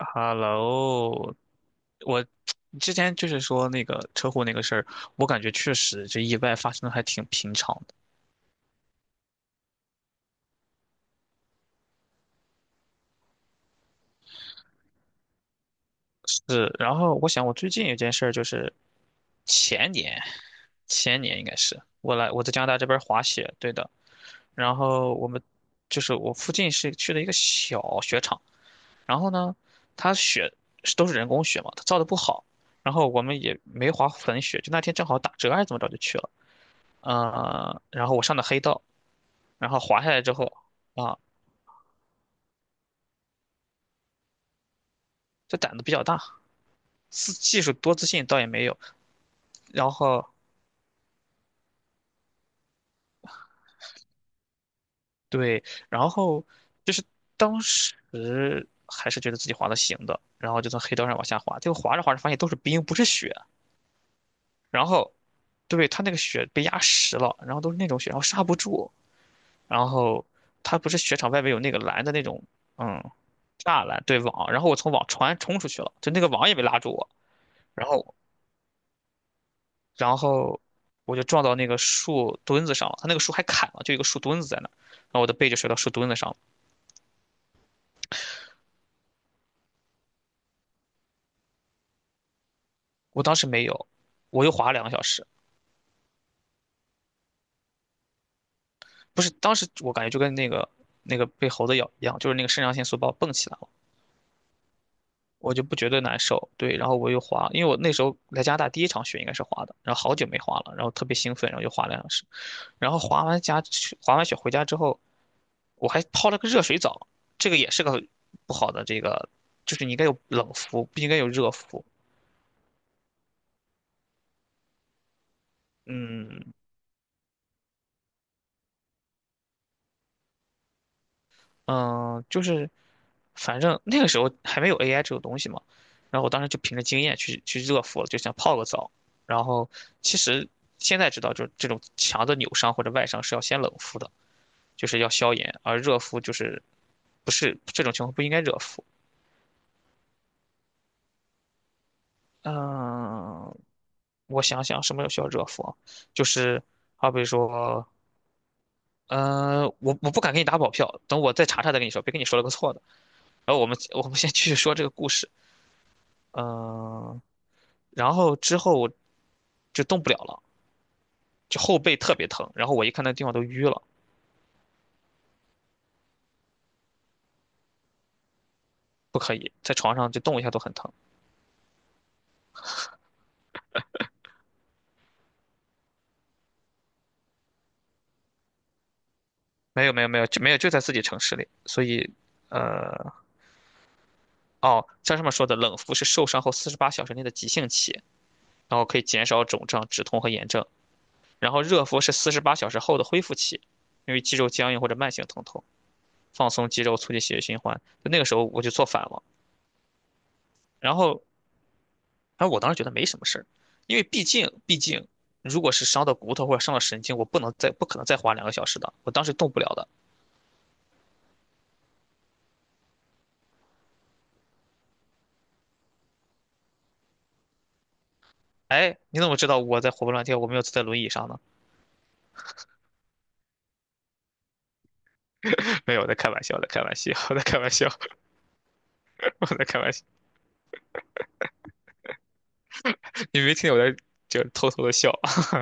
Hello，我之前就是说那个车祸那个事儿，我感觉确实这意外发生的还挺平常的。是，然后我想我最近有件事儿就是前年，前年应该是我在加拿大这边儿滑雪，对的。然后我们就是我附近是去了一个小雪场，然后呢，它雪是都是人工雪嘛，它造的不好，然后我们也没滑粉雪，就那天正好打折还是怎么着就去了。然后我上的黑道，然后滑下来之后啊，这胆子比较大，自技术多自信倒也没有。然后对，然后就是当时还是觉得自己滑的行的，然后就从黑道上往下滑，结果滑着滑着发现都是冰，不是雪。然后，对，它那个雪被压实了，然后都是那种雪，然后刹不住。然后它不是雪场外面有那个蓝的那种，嗯，栅栏对网，然后我从网船冲出去了，就那个网也没拉住我。然后然后我就撞到那个树墩子上了，他那个树还砍了，就一个树墩子在那儿，然后我的背就摔到树墩子上了。我当时没有，我又滑了两个小时，不是，当时我感觉就跟那个被猴子咬一样，就是那个肾上腺素把我蹦起来了。我就不觉得难受。对，然后我又滑，因为我那时候来加拿大第一场雪应该是滑的，然后好久没滑了，然后特别兴奋，然后就滑了2小时，然后滑完雪回家之后，我还泡了个热水澡，这个也是个不好的，这个就是你应该有冷敷，不应该有热敷。嗯，嗯，就是反正那个时候还没有 AI 这种东西嘛，然后我当时就凭着经验去热敷了，就想泡个澡。然后其实现在知道，就是这种强的扭伤或者外伤是要先冷敷的，就是要消炎，而热敷就是不是这种情况不应该热敷。嗯，我想想什么需要热敷啊？就是好比说，我不敢给你打保票，等我再查查再跟你说，别跟你说了个错的。然后我们先继续说这个故事，嗯。然后之后我就动不了了，就后背特别疼。然后我一看那地方都淤了，不可以在床上就动一下都很疼。没有没有没有就没有就在自己城市里，所以呃哦，像上面说的，冷敷是受伤后四十八小时内的急性期，然后可以减少肿胀、止痛和炎症。然后热敷是四十八小时后的恢复期，因为肌肉僵硬或者慢性疼痛，放松肌肉，促进血液循环。就那个时候我就做反了。然后哎，我当时觉得没什么事儿，因为毕竟，如果是伤到骨头或者伤到神经，我不能再不可能再花两个小时的，我当时动不了的。哎，你怎么知道我在活蹦乱跳，我没有坐在轮椅上呢？没有，我在开玩笑，我在开玩笑，我在开玩笑，我在开玩笑。你没听见我在就是偷偷的笑，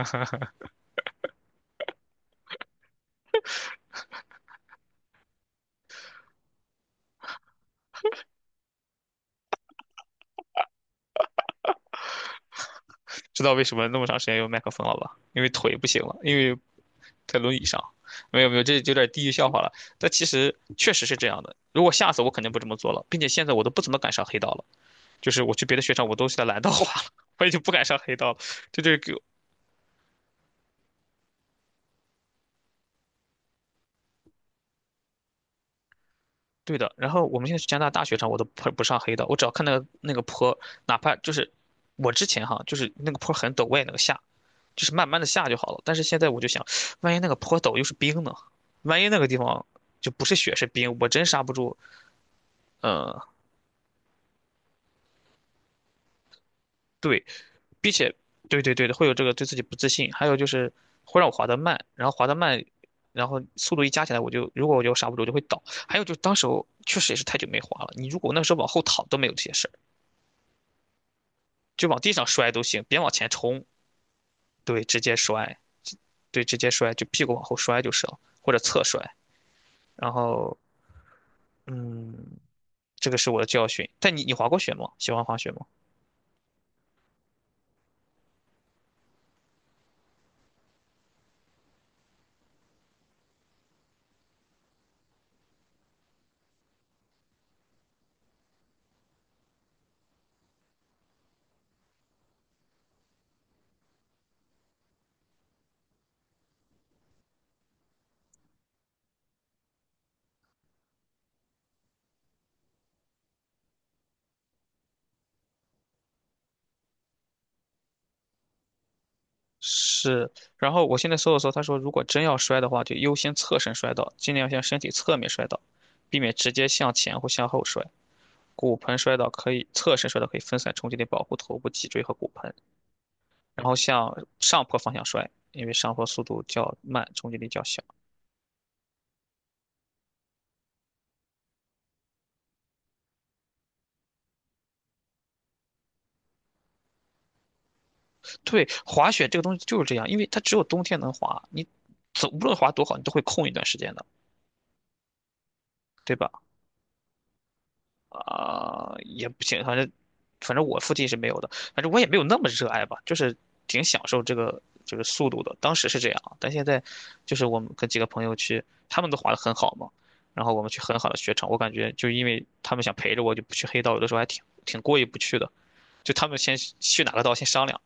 知道为什么那么长时间用麦克风了吧？因为腿不行了，因为在轮椅上。没有没有，这有点地域笑话了。但其实确实是这样的。如果下次我肯定不这么做了，并且现在我都不怎么敢上黑道了。就是我去别的雪场，我都是在蓝道滑了，我已经不敢上黑道了。就这个，对的。然后我们现在去加拿大大雪场，我都不上黑道，我只要看那个坡，哪怕就是我之前哈，就是那个坡很陡，我也能下，就是慢慢的下就好了。但是现在我就想，万一那个坡陡又是冰呢？万一那个地方就不是雪是冰，我真刹不住，嗯、对，并且，对对对的，会有这个对自己不自信，还有就是会让我滑得慢，然后滑得慢，然后速度一加起来，如果我刹不住，我就会倒。还有就是当时候确实也是太久没滑了，你如果那时候往后躺都没有这些事儿，就往地上摔都行，别往前冲，对，直接摔，对，直接摔，就屁股往后摔就是了，或者侧摔。然后，嗯，这个是我的教训。但你滑过雪吗？喜欢滑雪吗？是，然后我现在搜了搜，他说如果真要摔的话，就优先侧身摔倒，尽量向身体侧面摔倒，避免直接向前或向后摔。骨盆摔倒可以侧身摔倒，可以分散冲击力，保护头部、脊椎和骨盆。然后向上坡方向摔，因为上坡速度较慢，冲击力较小。对，滑雪这个东西就是这样，因为它只有冬天能滑，你走无论滑多好，你都会空一段时间的，对吧？啊、也不行，反正我附近是没有的，反正我也没有那么热爱吧，就是挺享受这个速度的。当时是这样啊，但现在就是我们跟几个朋友去，他们都滑得很好嘛，然后我们去很好的雪场，我感觉就因为他们想陪着我，就不去黑道，有的时候还挺过意不去的。就他们先去哪个道先商量，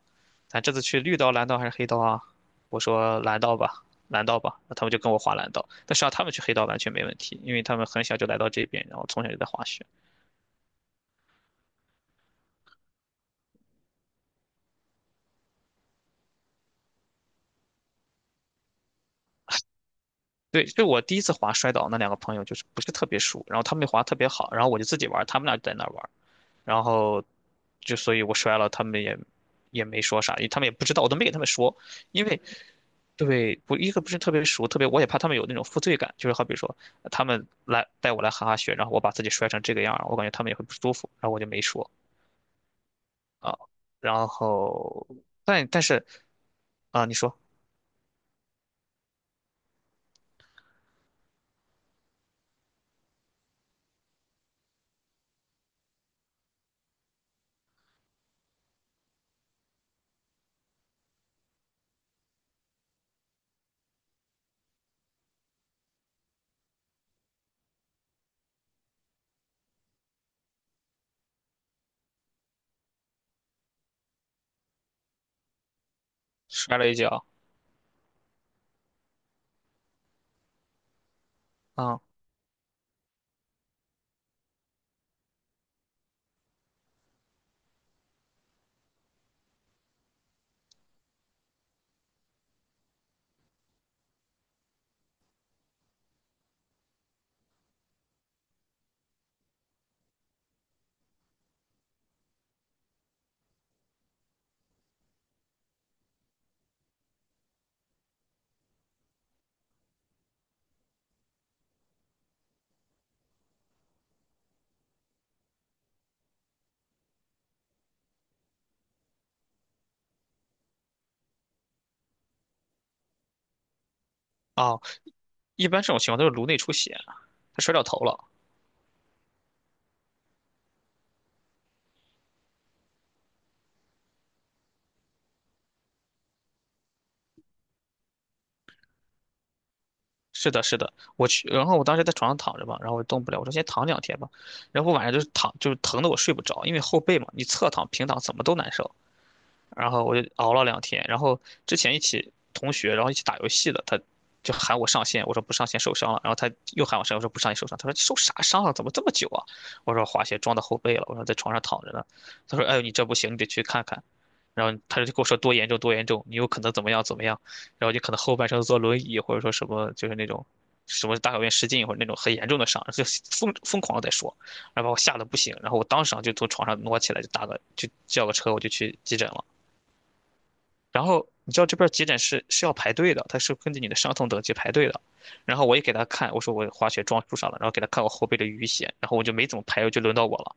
咱这次去绿道、蓝道还是黑道啊？我说蓝道吧，蓝道吧，那他们就跟我滑蓝道，但实际上他们去黑道完全没问题，因为他们很小就来到这边，然后从小就在滑雪。对，就我第一次滑摔倒，那两个朋友就是不是特别熟，然后他们滑特别好，然后我就自己玩，他们俩在那玩，然后就所以我摔了，他们也没说啥，因为他们也不知道，我都没给他们说，因为对不一个不是特别熟，特别我也怕他们有那种负罪感，就是好比说他们来带我来哈哈雪，然后我把自己摔成这个样儿我感觉他们也会不舒服，然后我就没说啊，然后但是啊，你说摔了一跤啊啊。一般这种情况都是颅内出血啊，他摔到头了。是的，是的，我去，然后我当时在床上躺着吧，然后我动不了，我说先躺两天吧，然后我晚上就是躺，就是疼的我睡不着，因为后背嘛，你侧躺、平躺怎么都难受。然后我就熬了两天。然后之前一起同学，然后一起打游戏的，他就喊我上线，我说不上线受伤了。然后他又喊我上线，我说不上线受伤。他说你受啥伤了？怎么这么久啊？我说滑雪撞到后背了。我说在床上躺着呢。他说哎呦你这不行，你得去看看。然后他就跟我说多严重多严重，你有可能怎么样怎么样，然后就可能后半生坐轮椅或者说什么就是那种什么大小便失禁或者那种很严重的伤，就疯疯狂的在说，然后把我吓得不行，然后我当场就从床上挪起来就打个就叫个车我就去急诊了。然后你知道这边儿急诊室是要排队的，他是根据你的伤痛等级排队的。然后我也给他看，我说我滑雪撞树上了，然后给他看我后背的淤血，然后我就没怎么排，就轮到我了。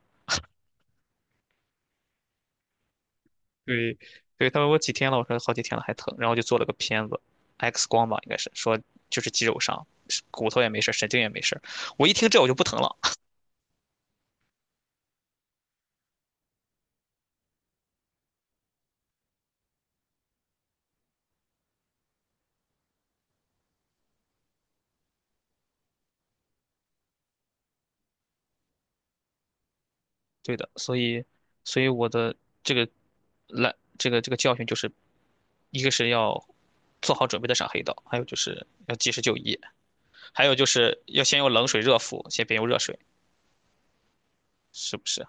对，对，他问我几天了，我说好几天了还疼，然后就做了个片子，X 光吧应该是，说就是肌肉伤，是骨头也没事儿，神经也没事儿。我一听这我就不疼了。对的，所以，所以我的这个来这个这个教训就是，一个是要做好准备的上黑道，还有就是要及时就医。还有就是要先用冷水热敷，先别用热水，是不是？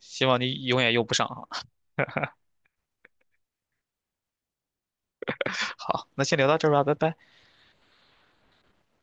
希望你永远用不上啊。好，那先聊到这儿吧，拜拜。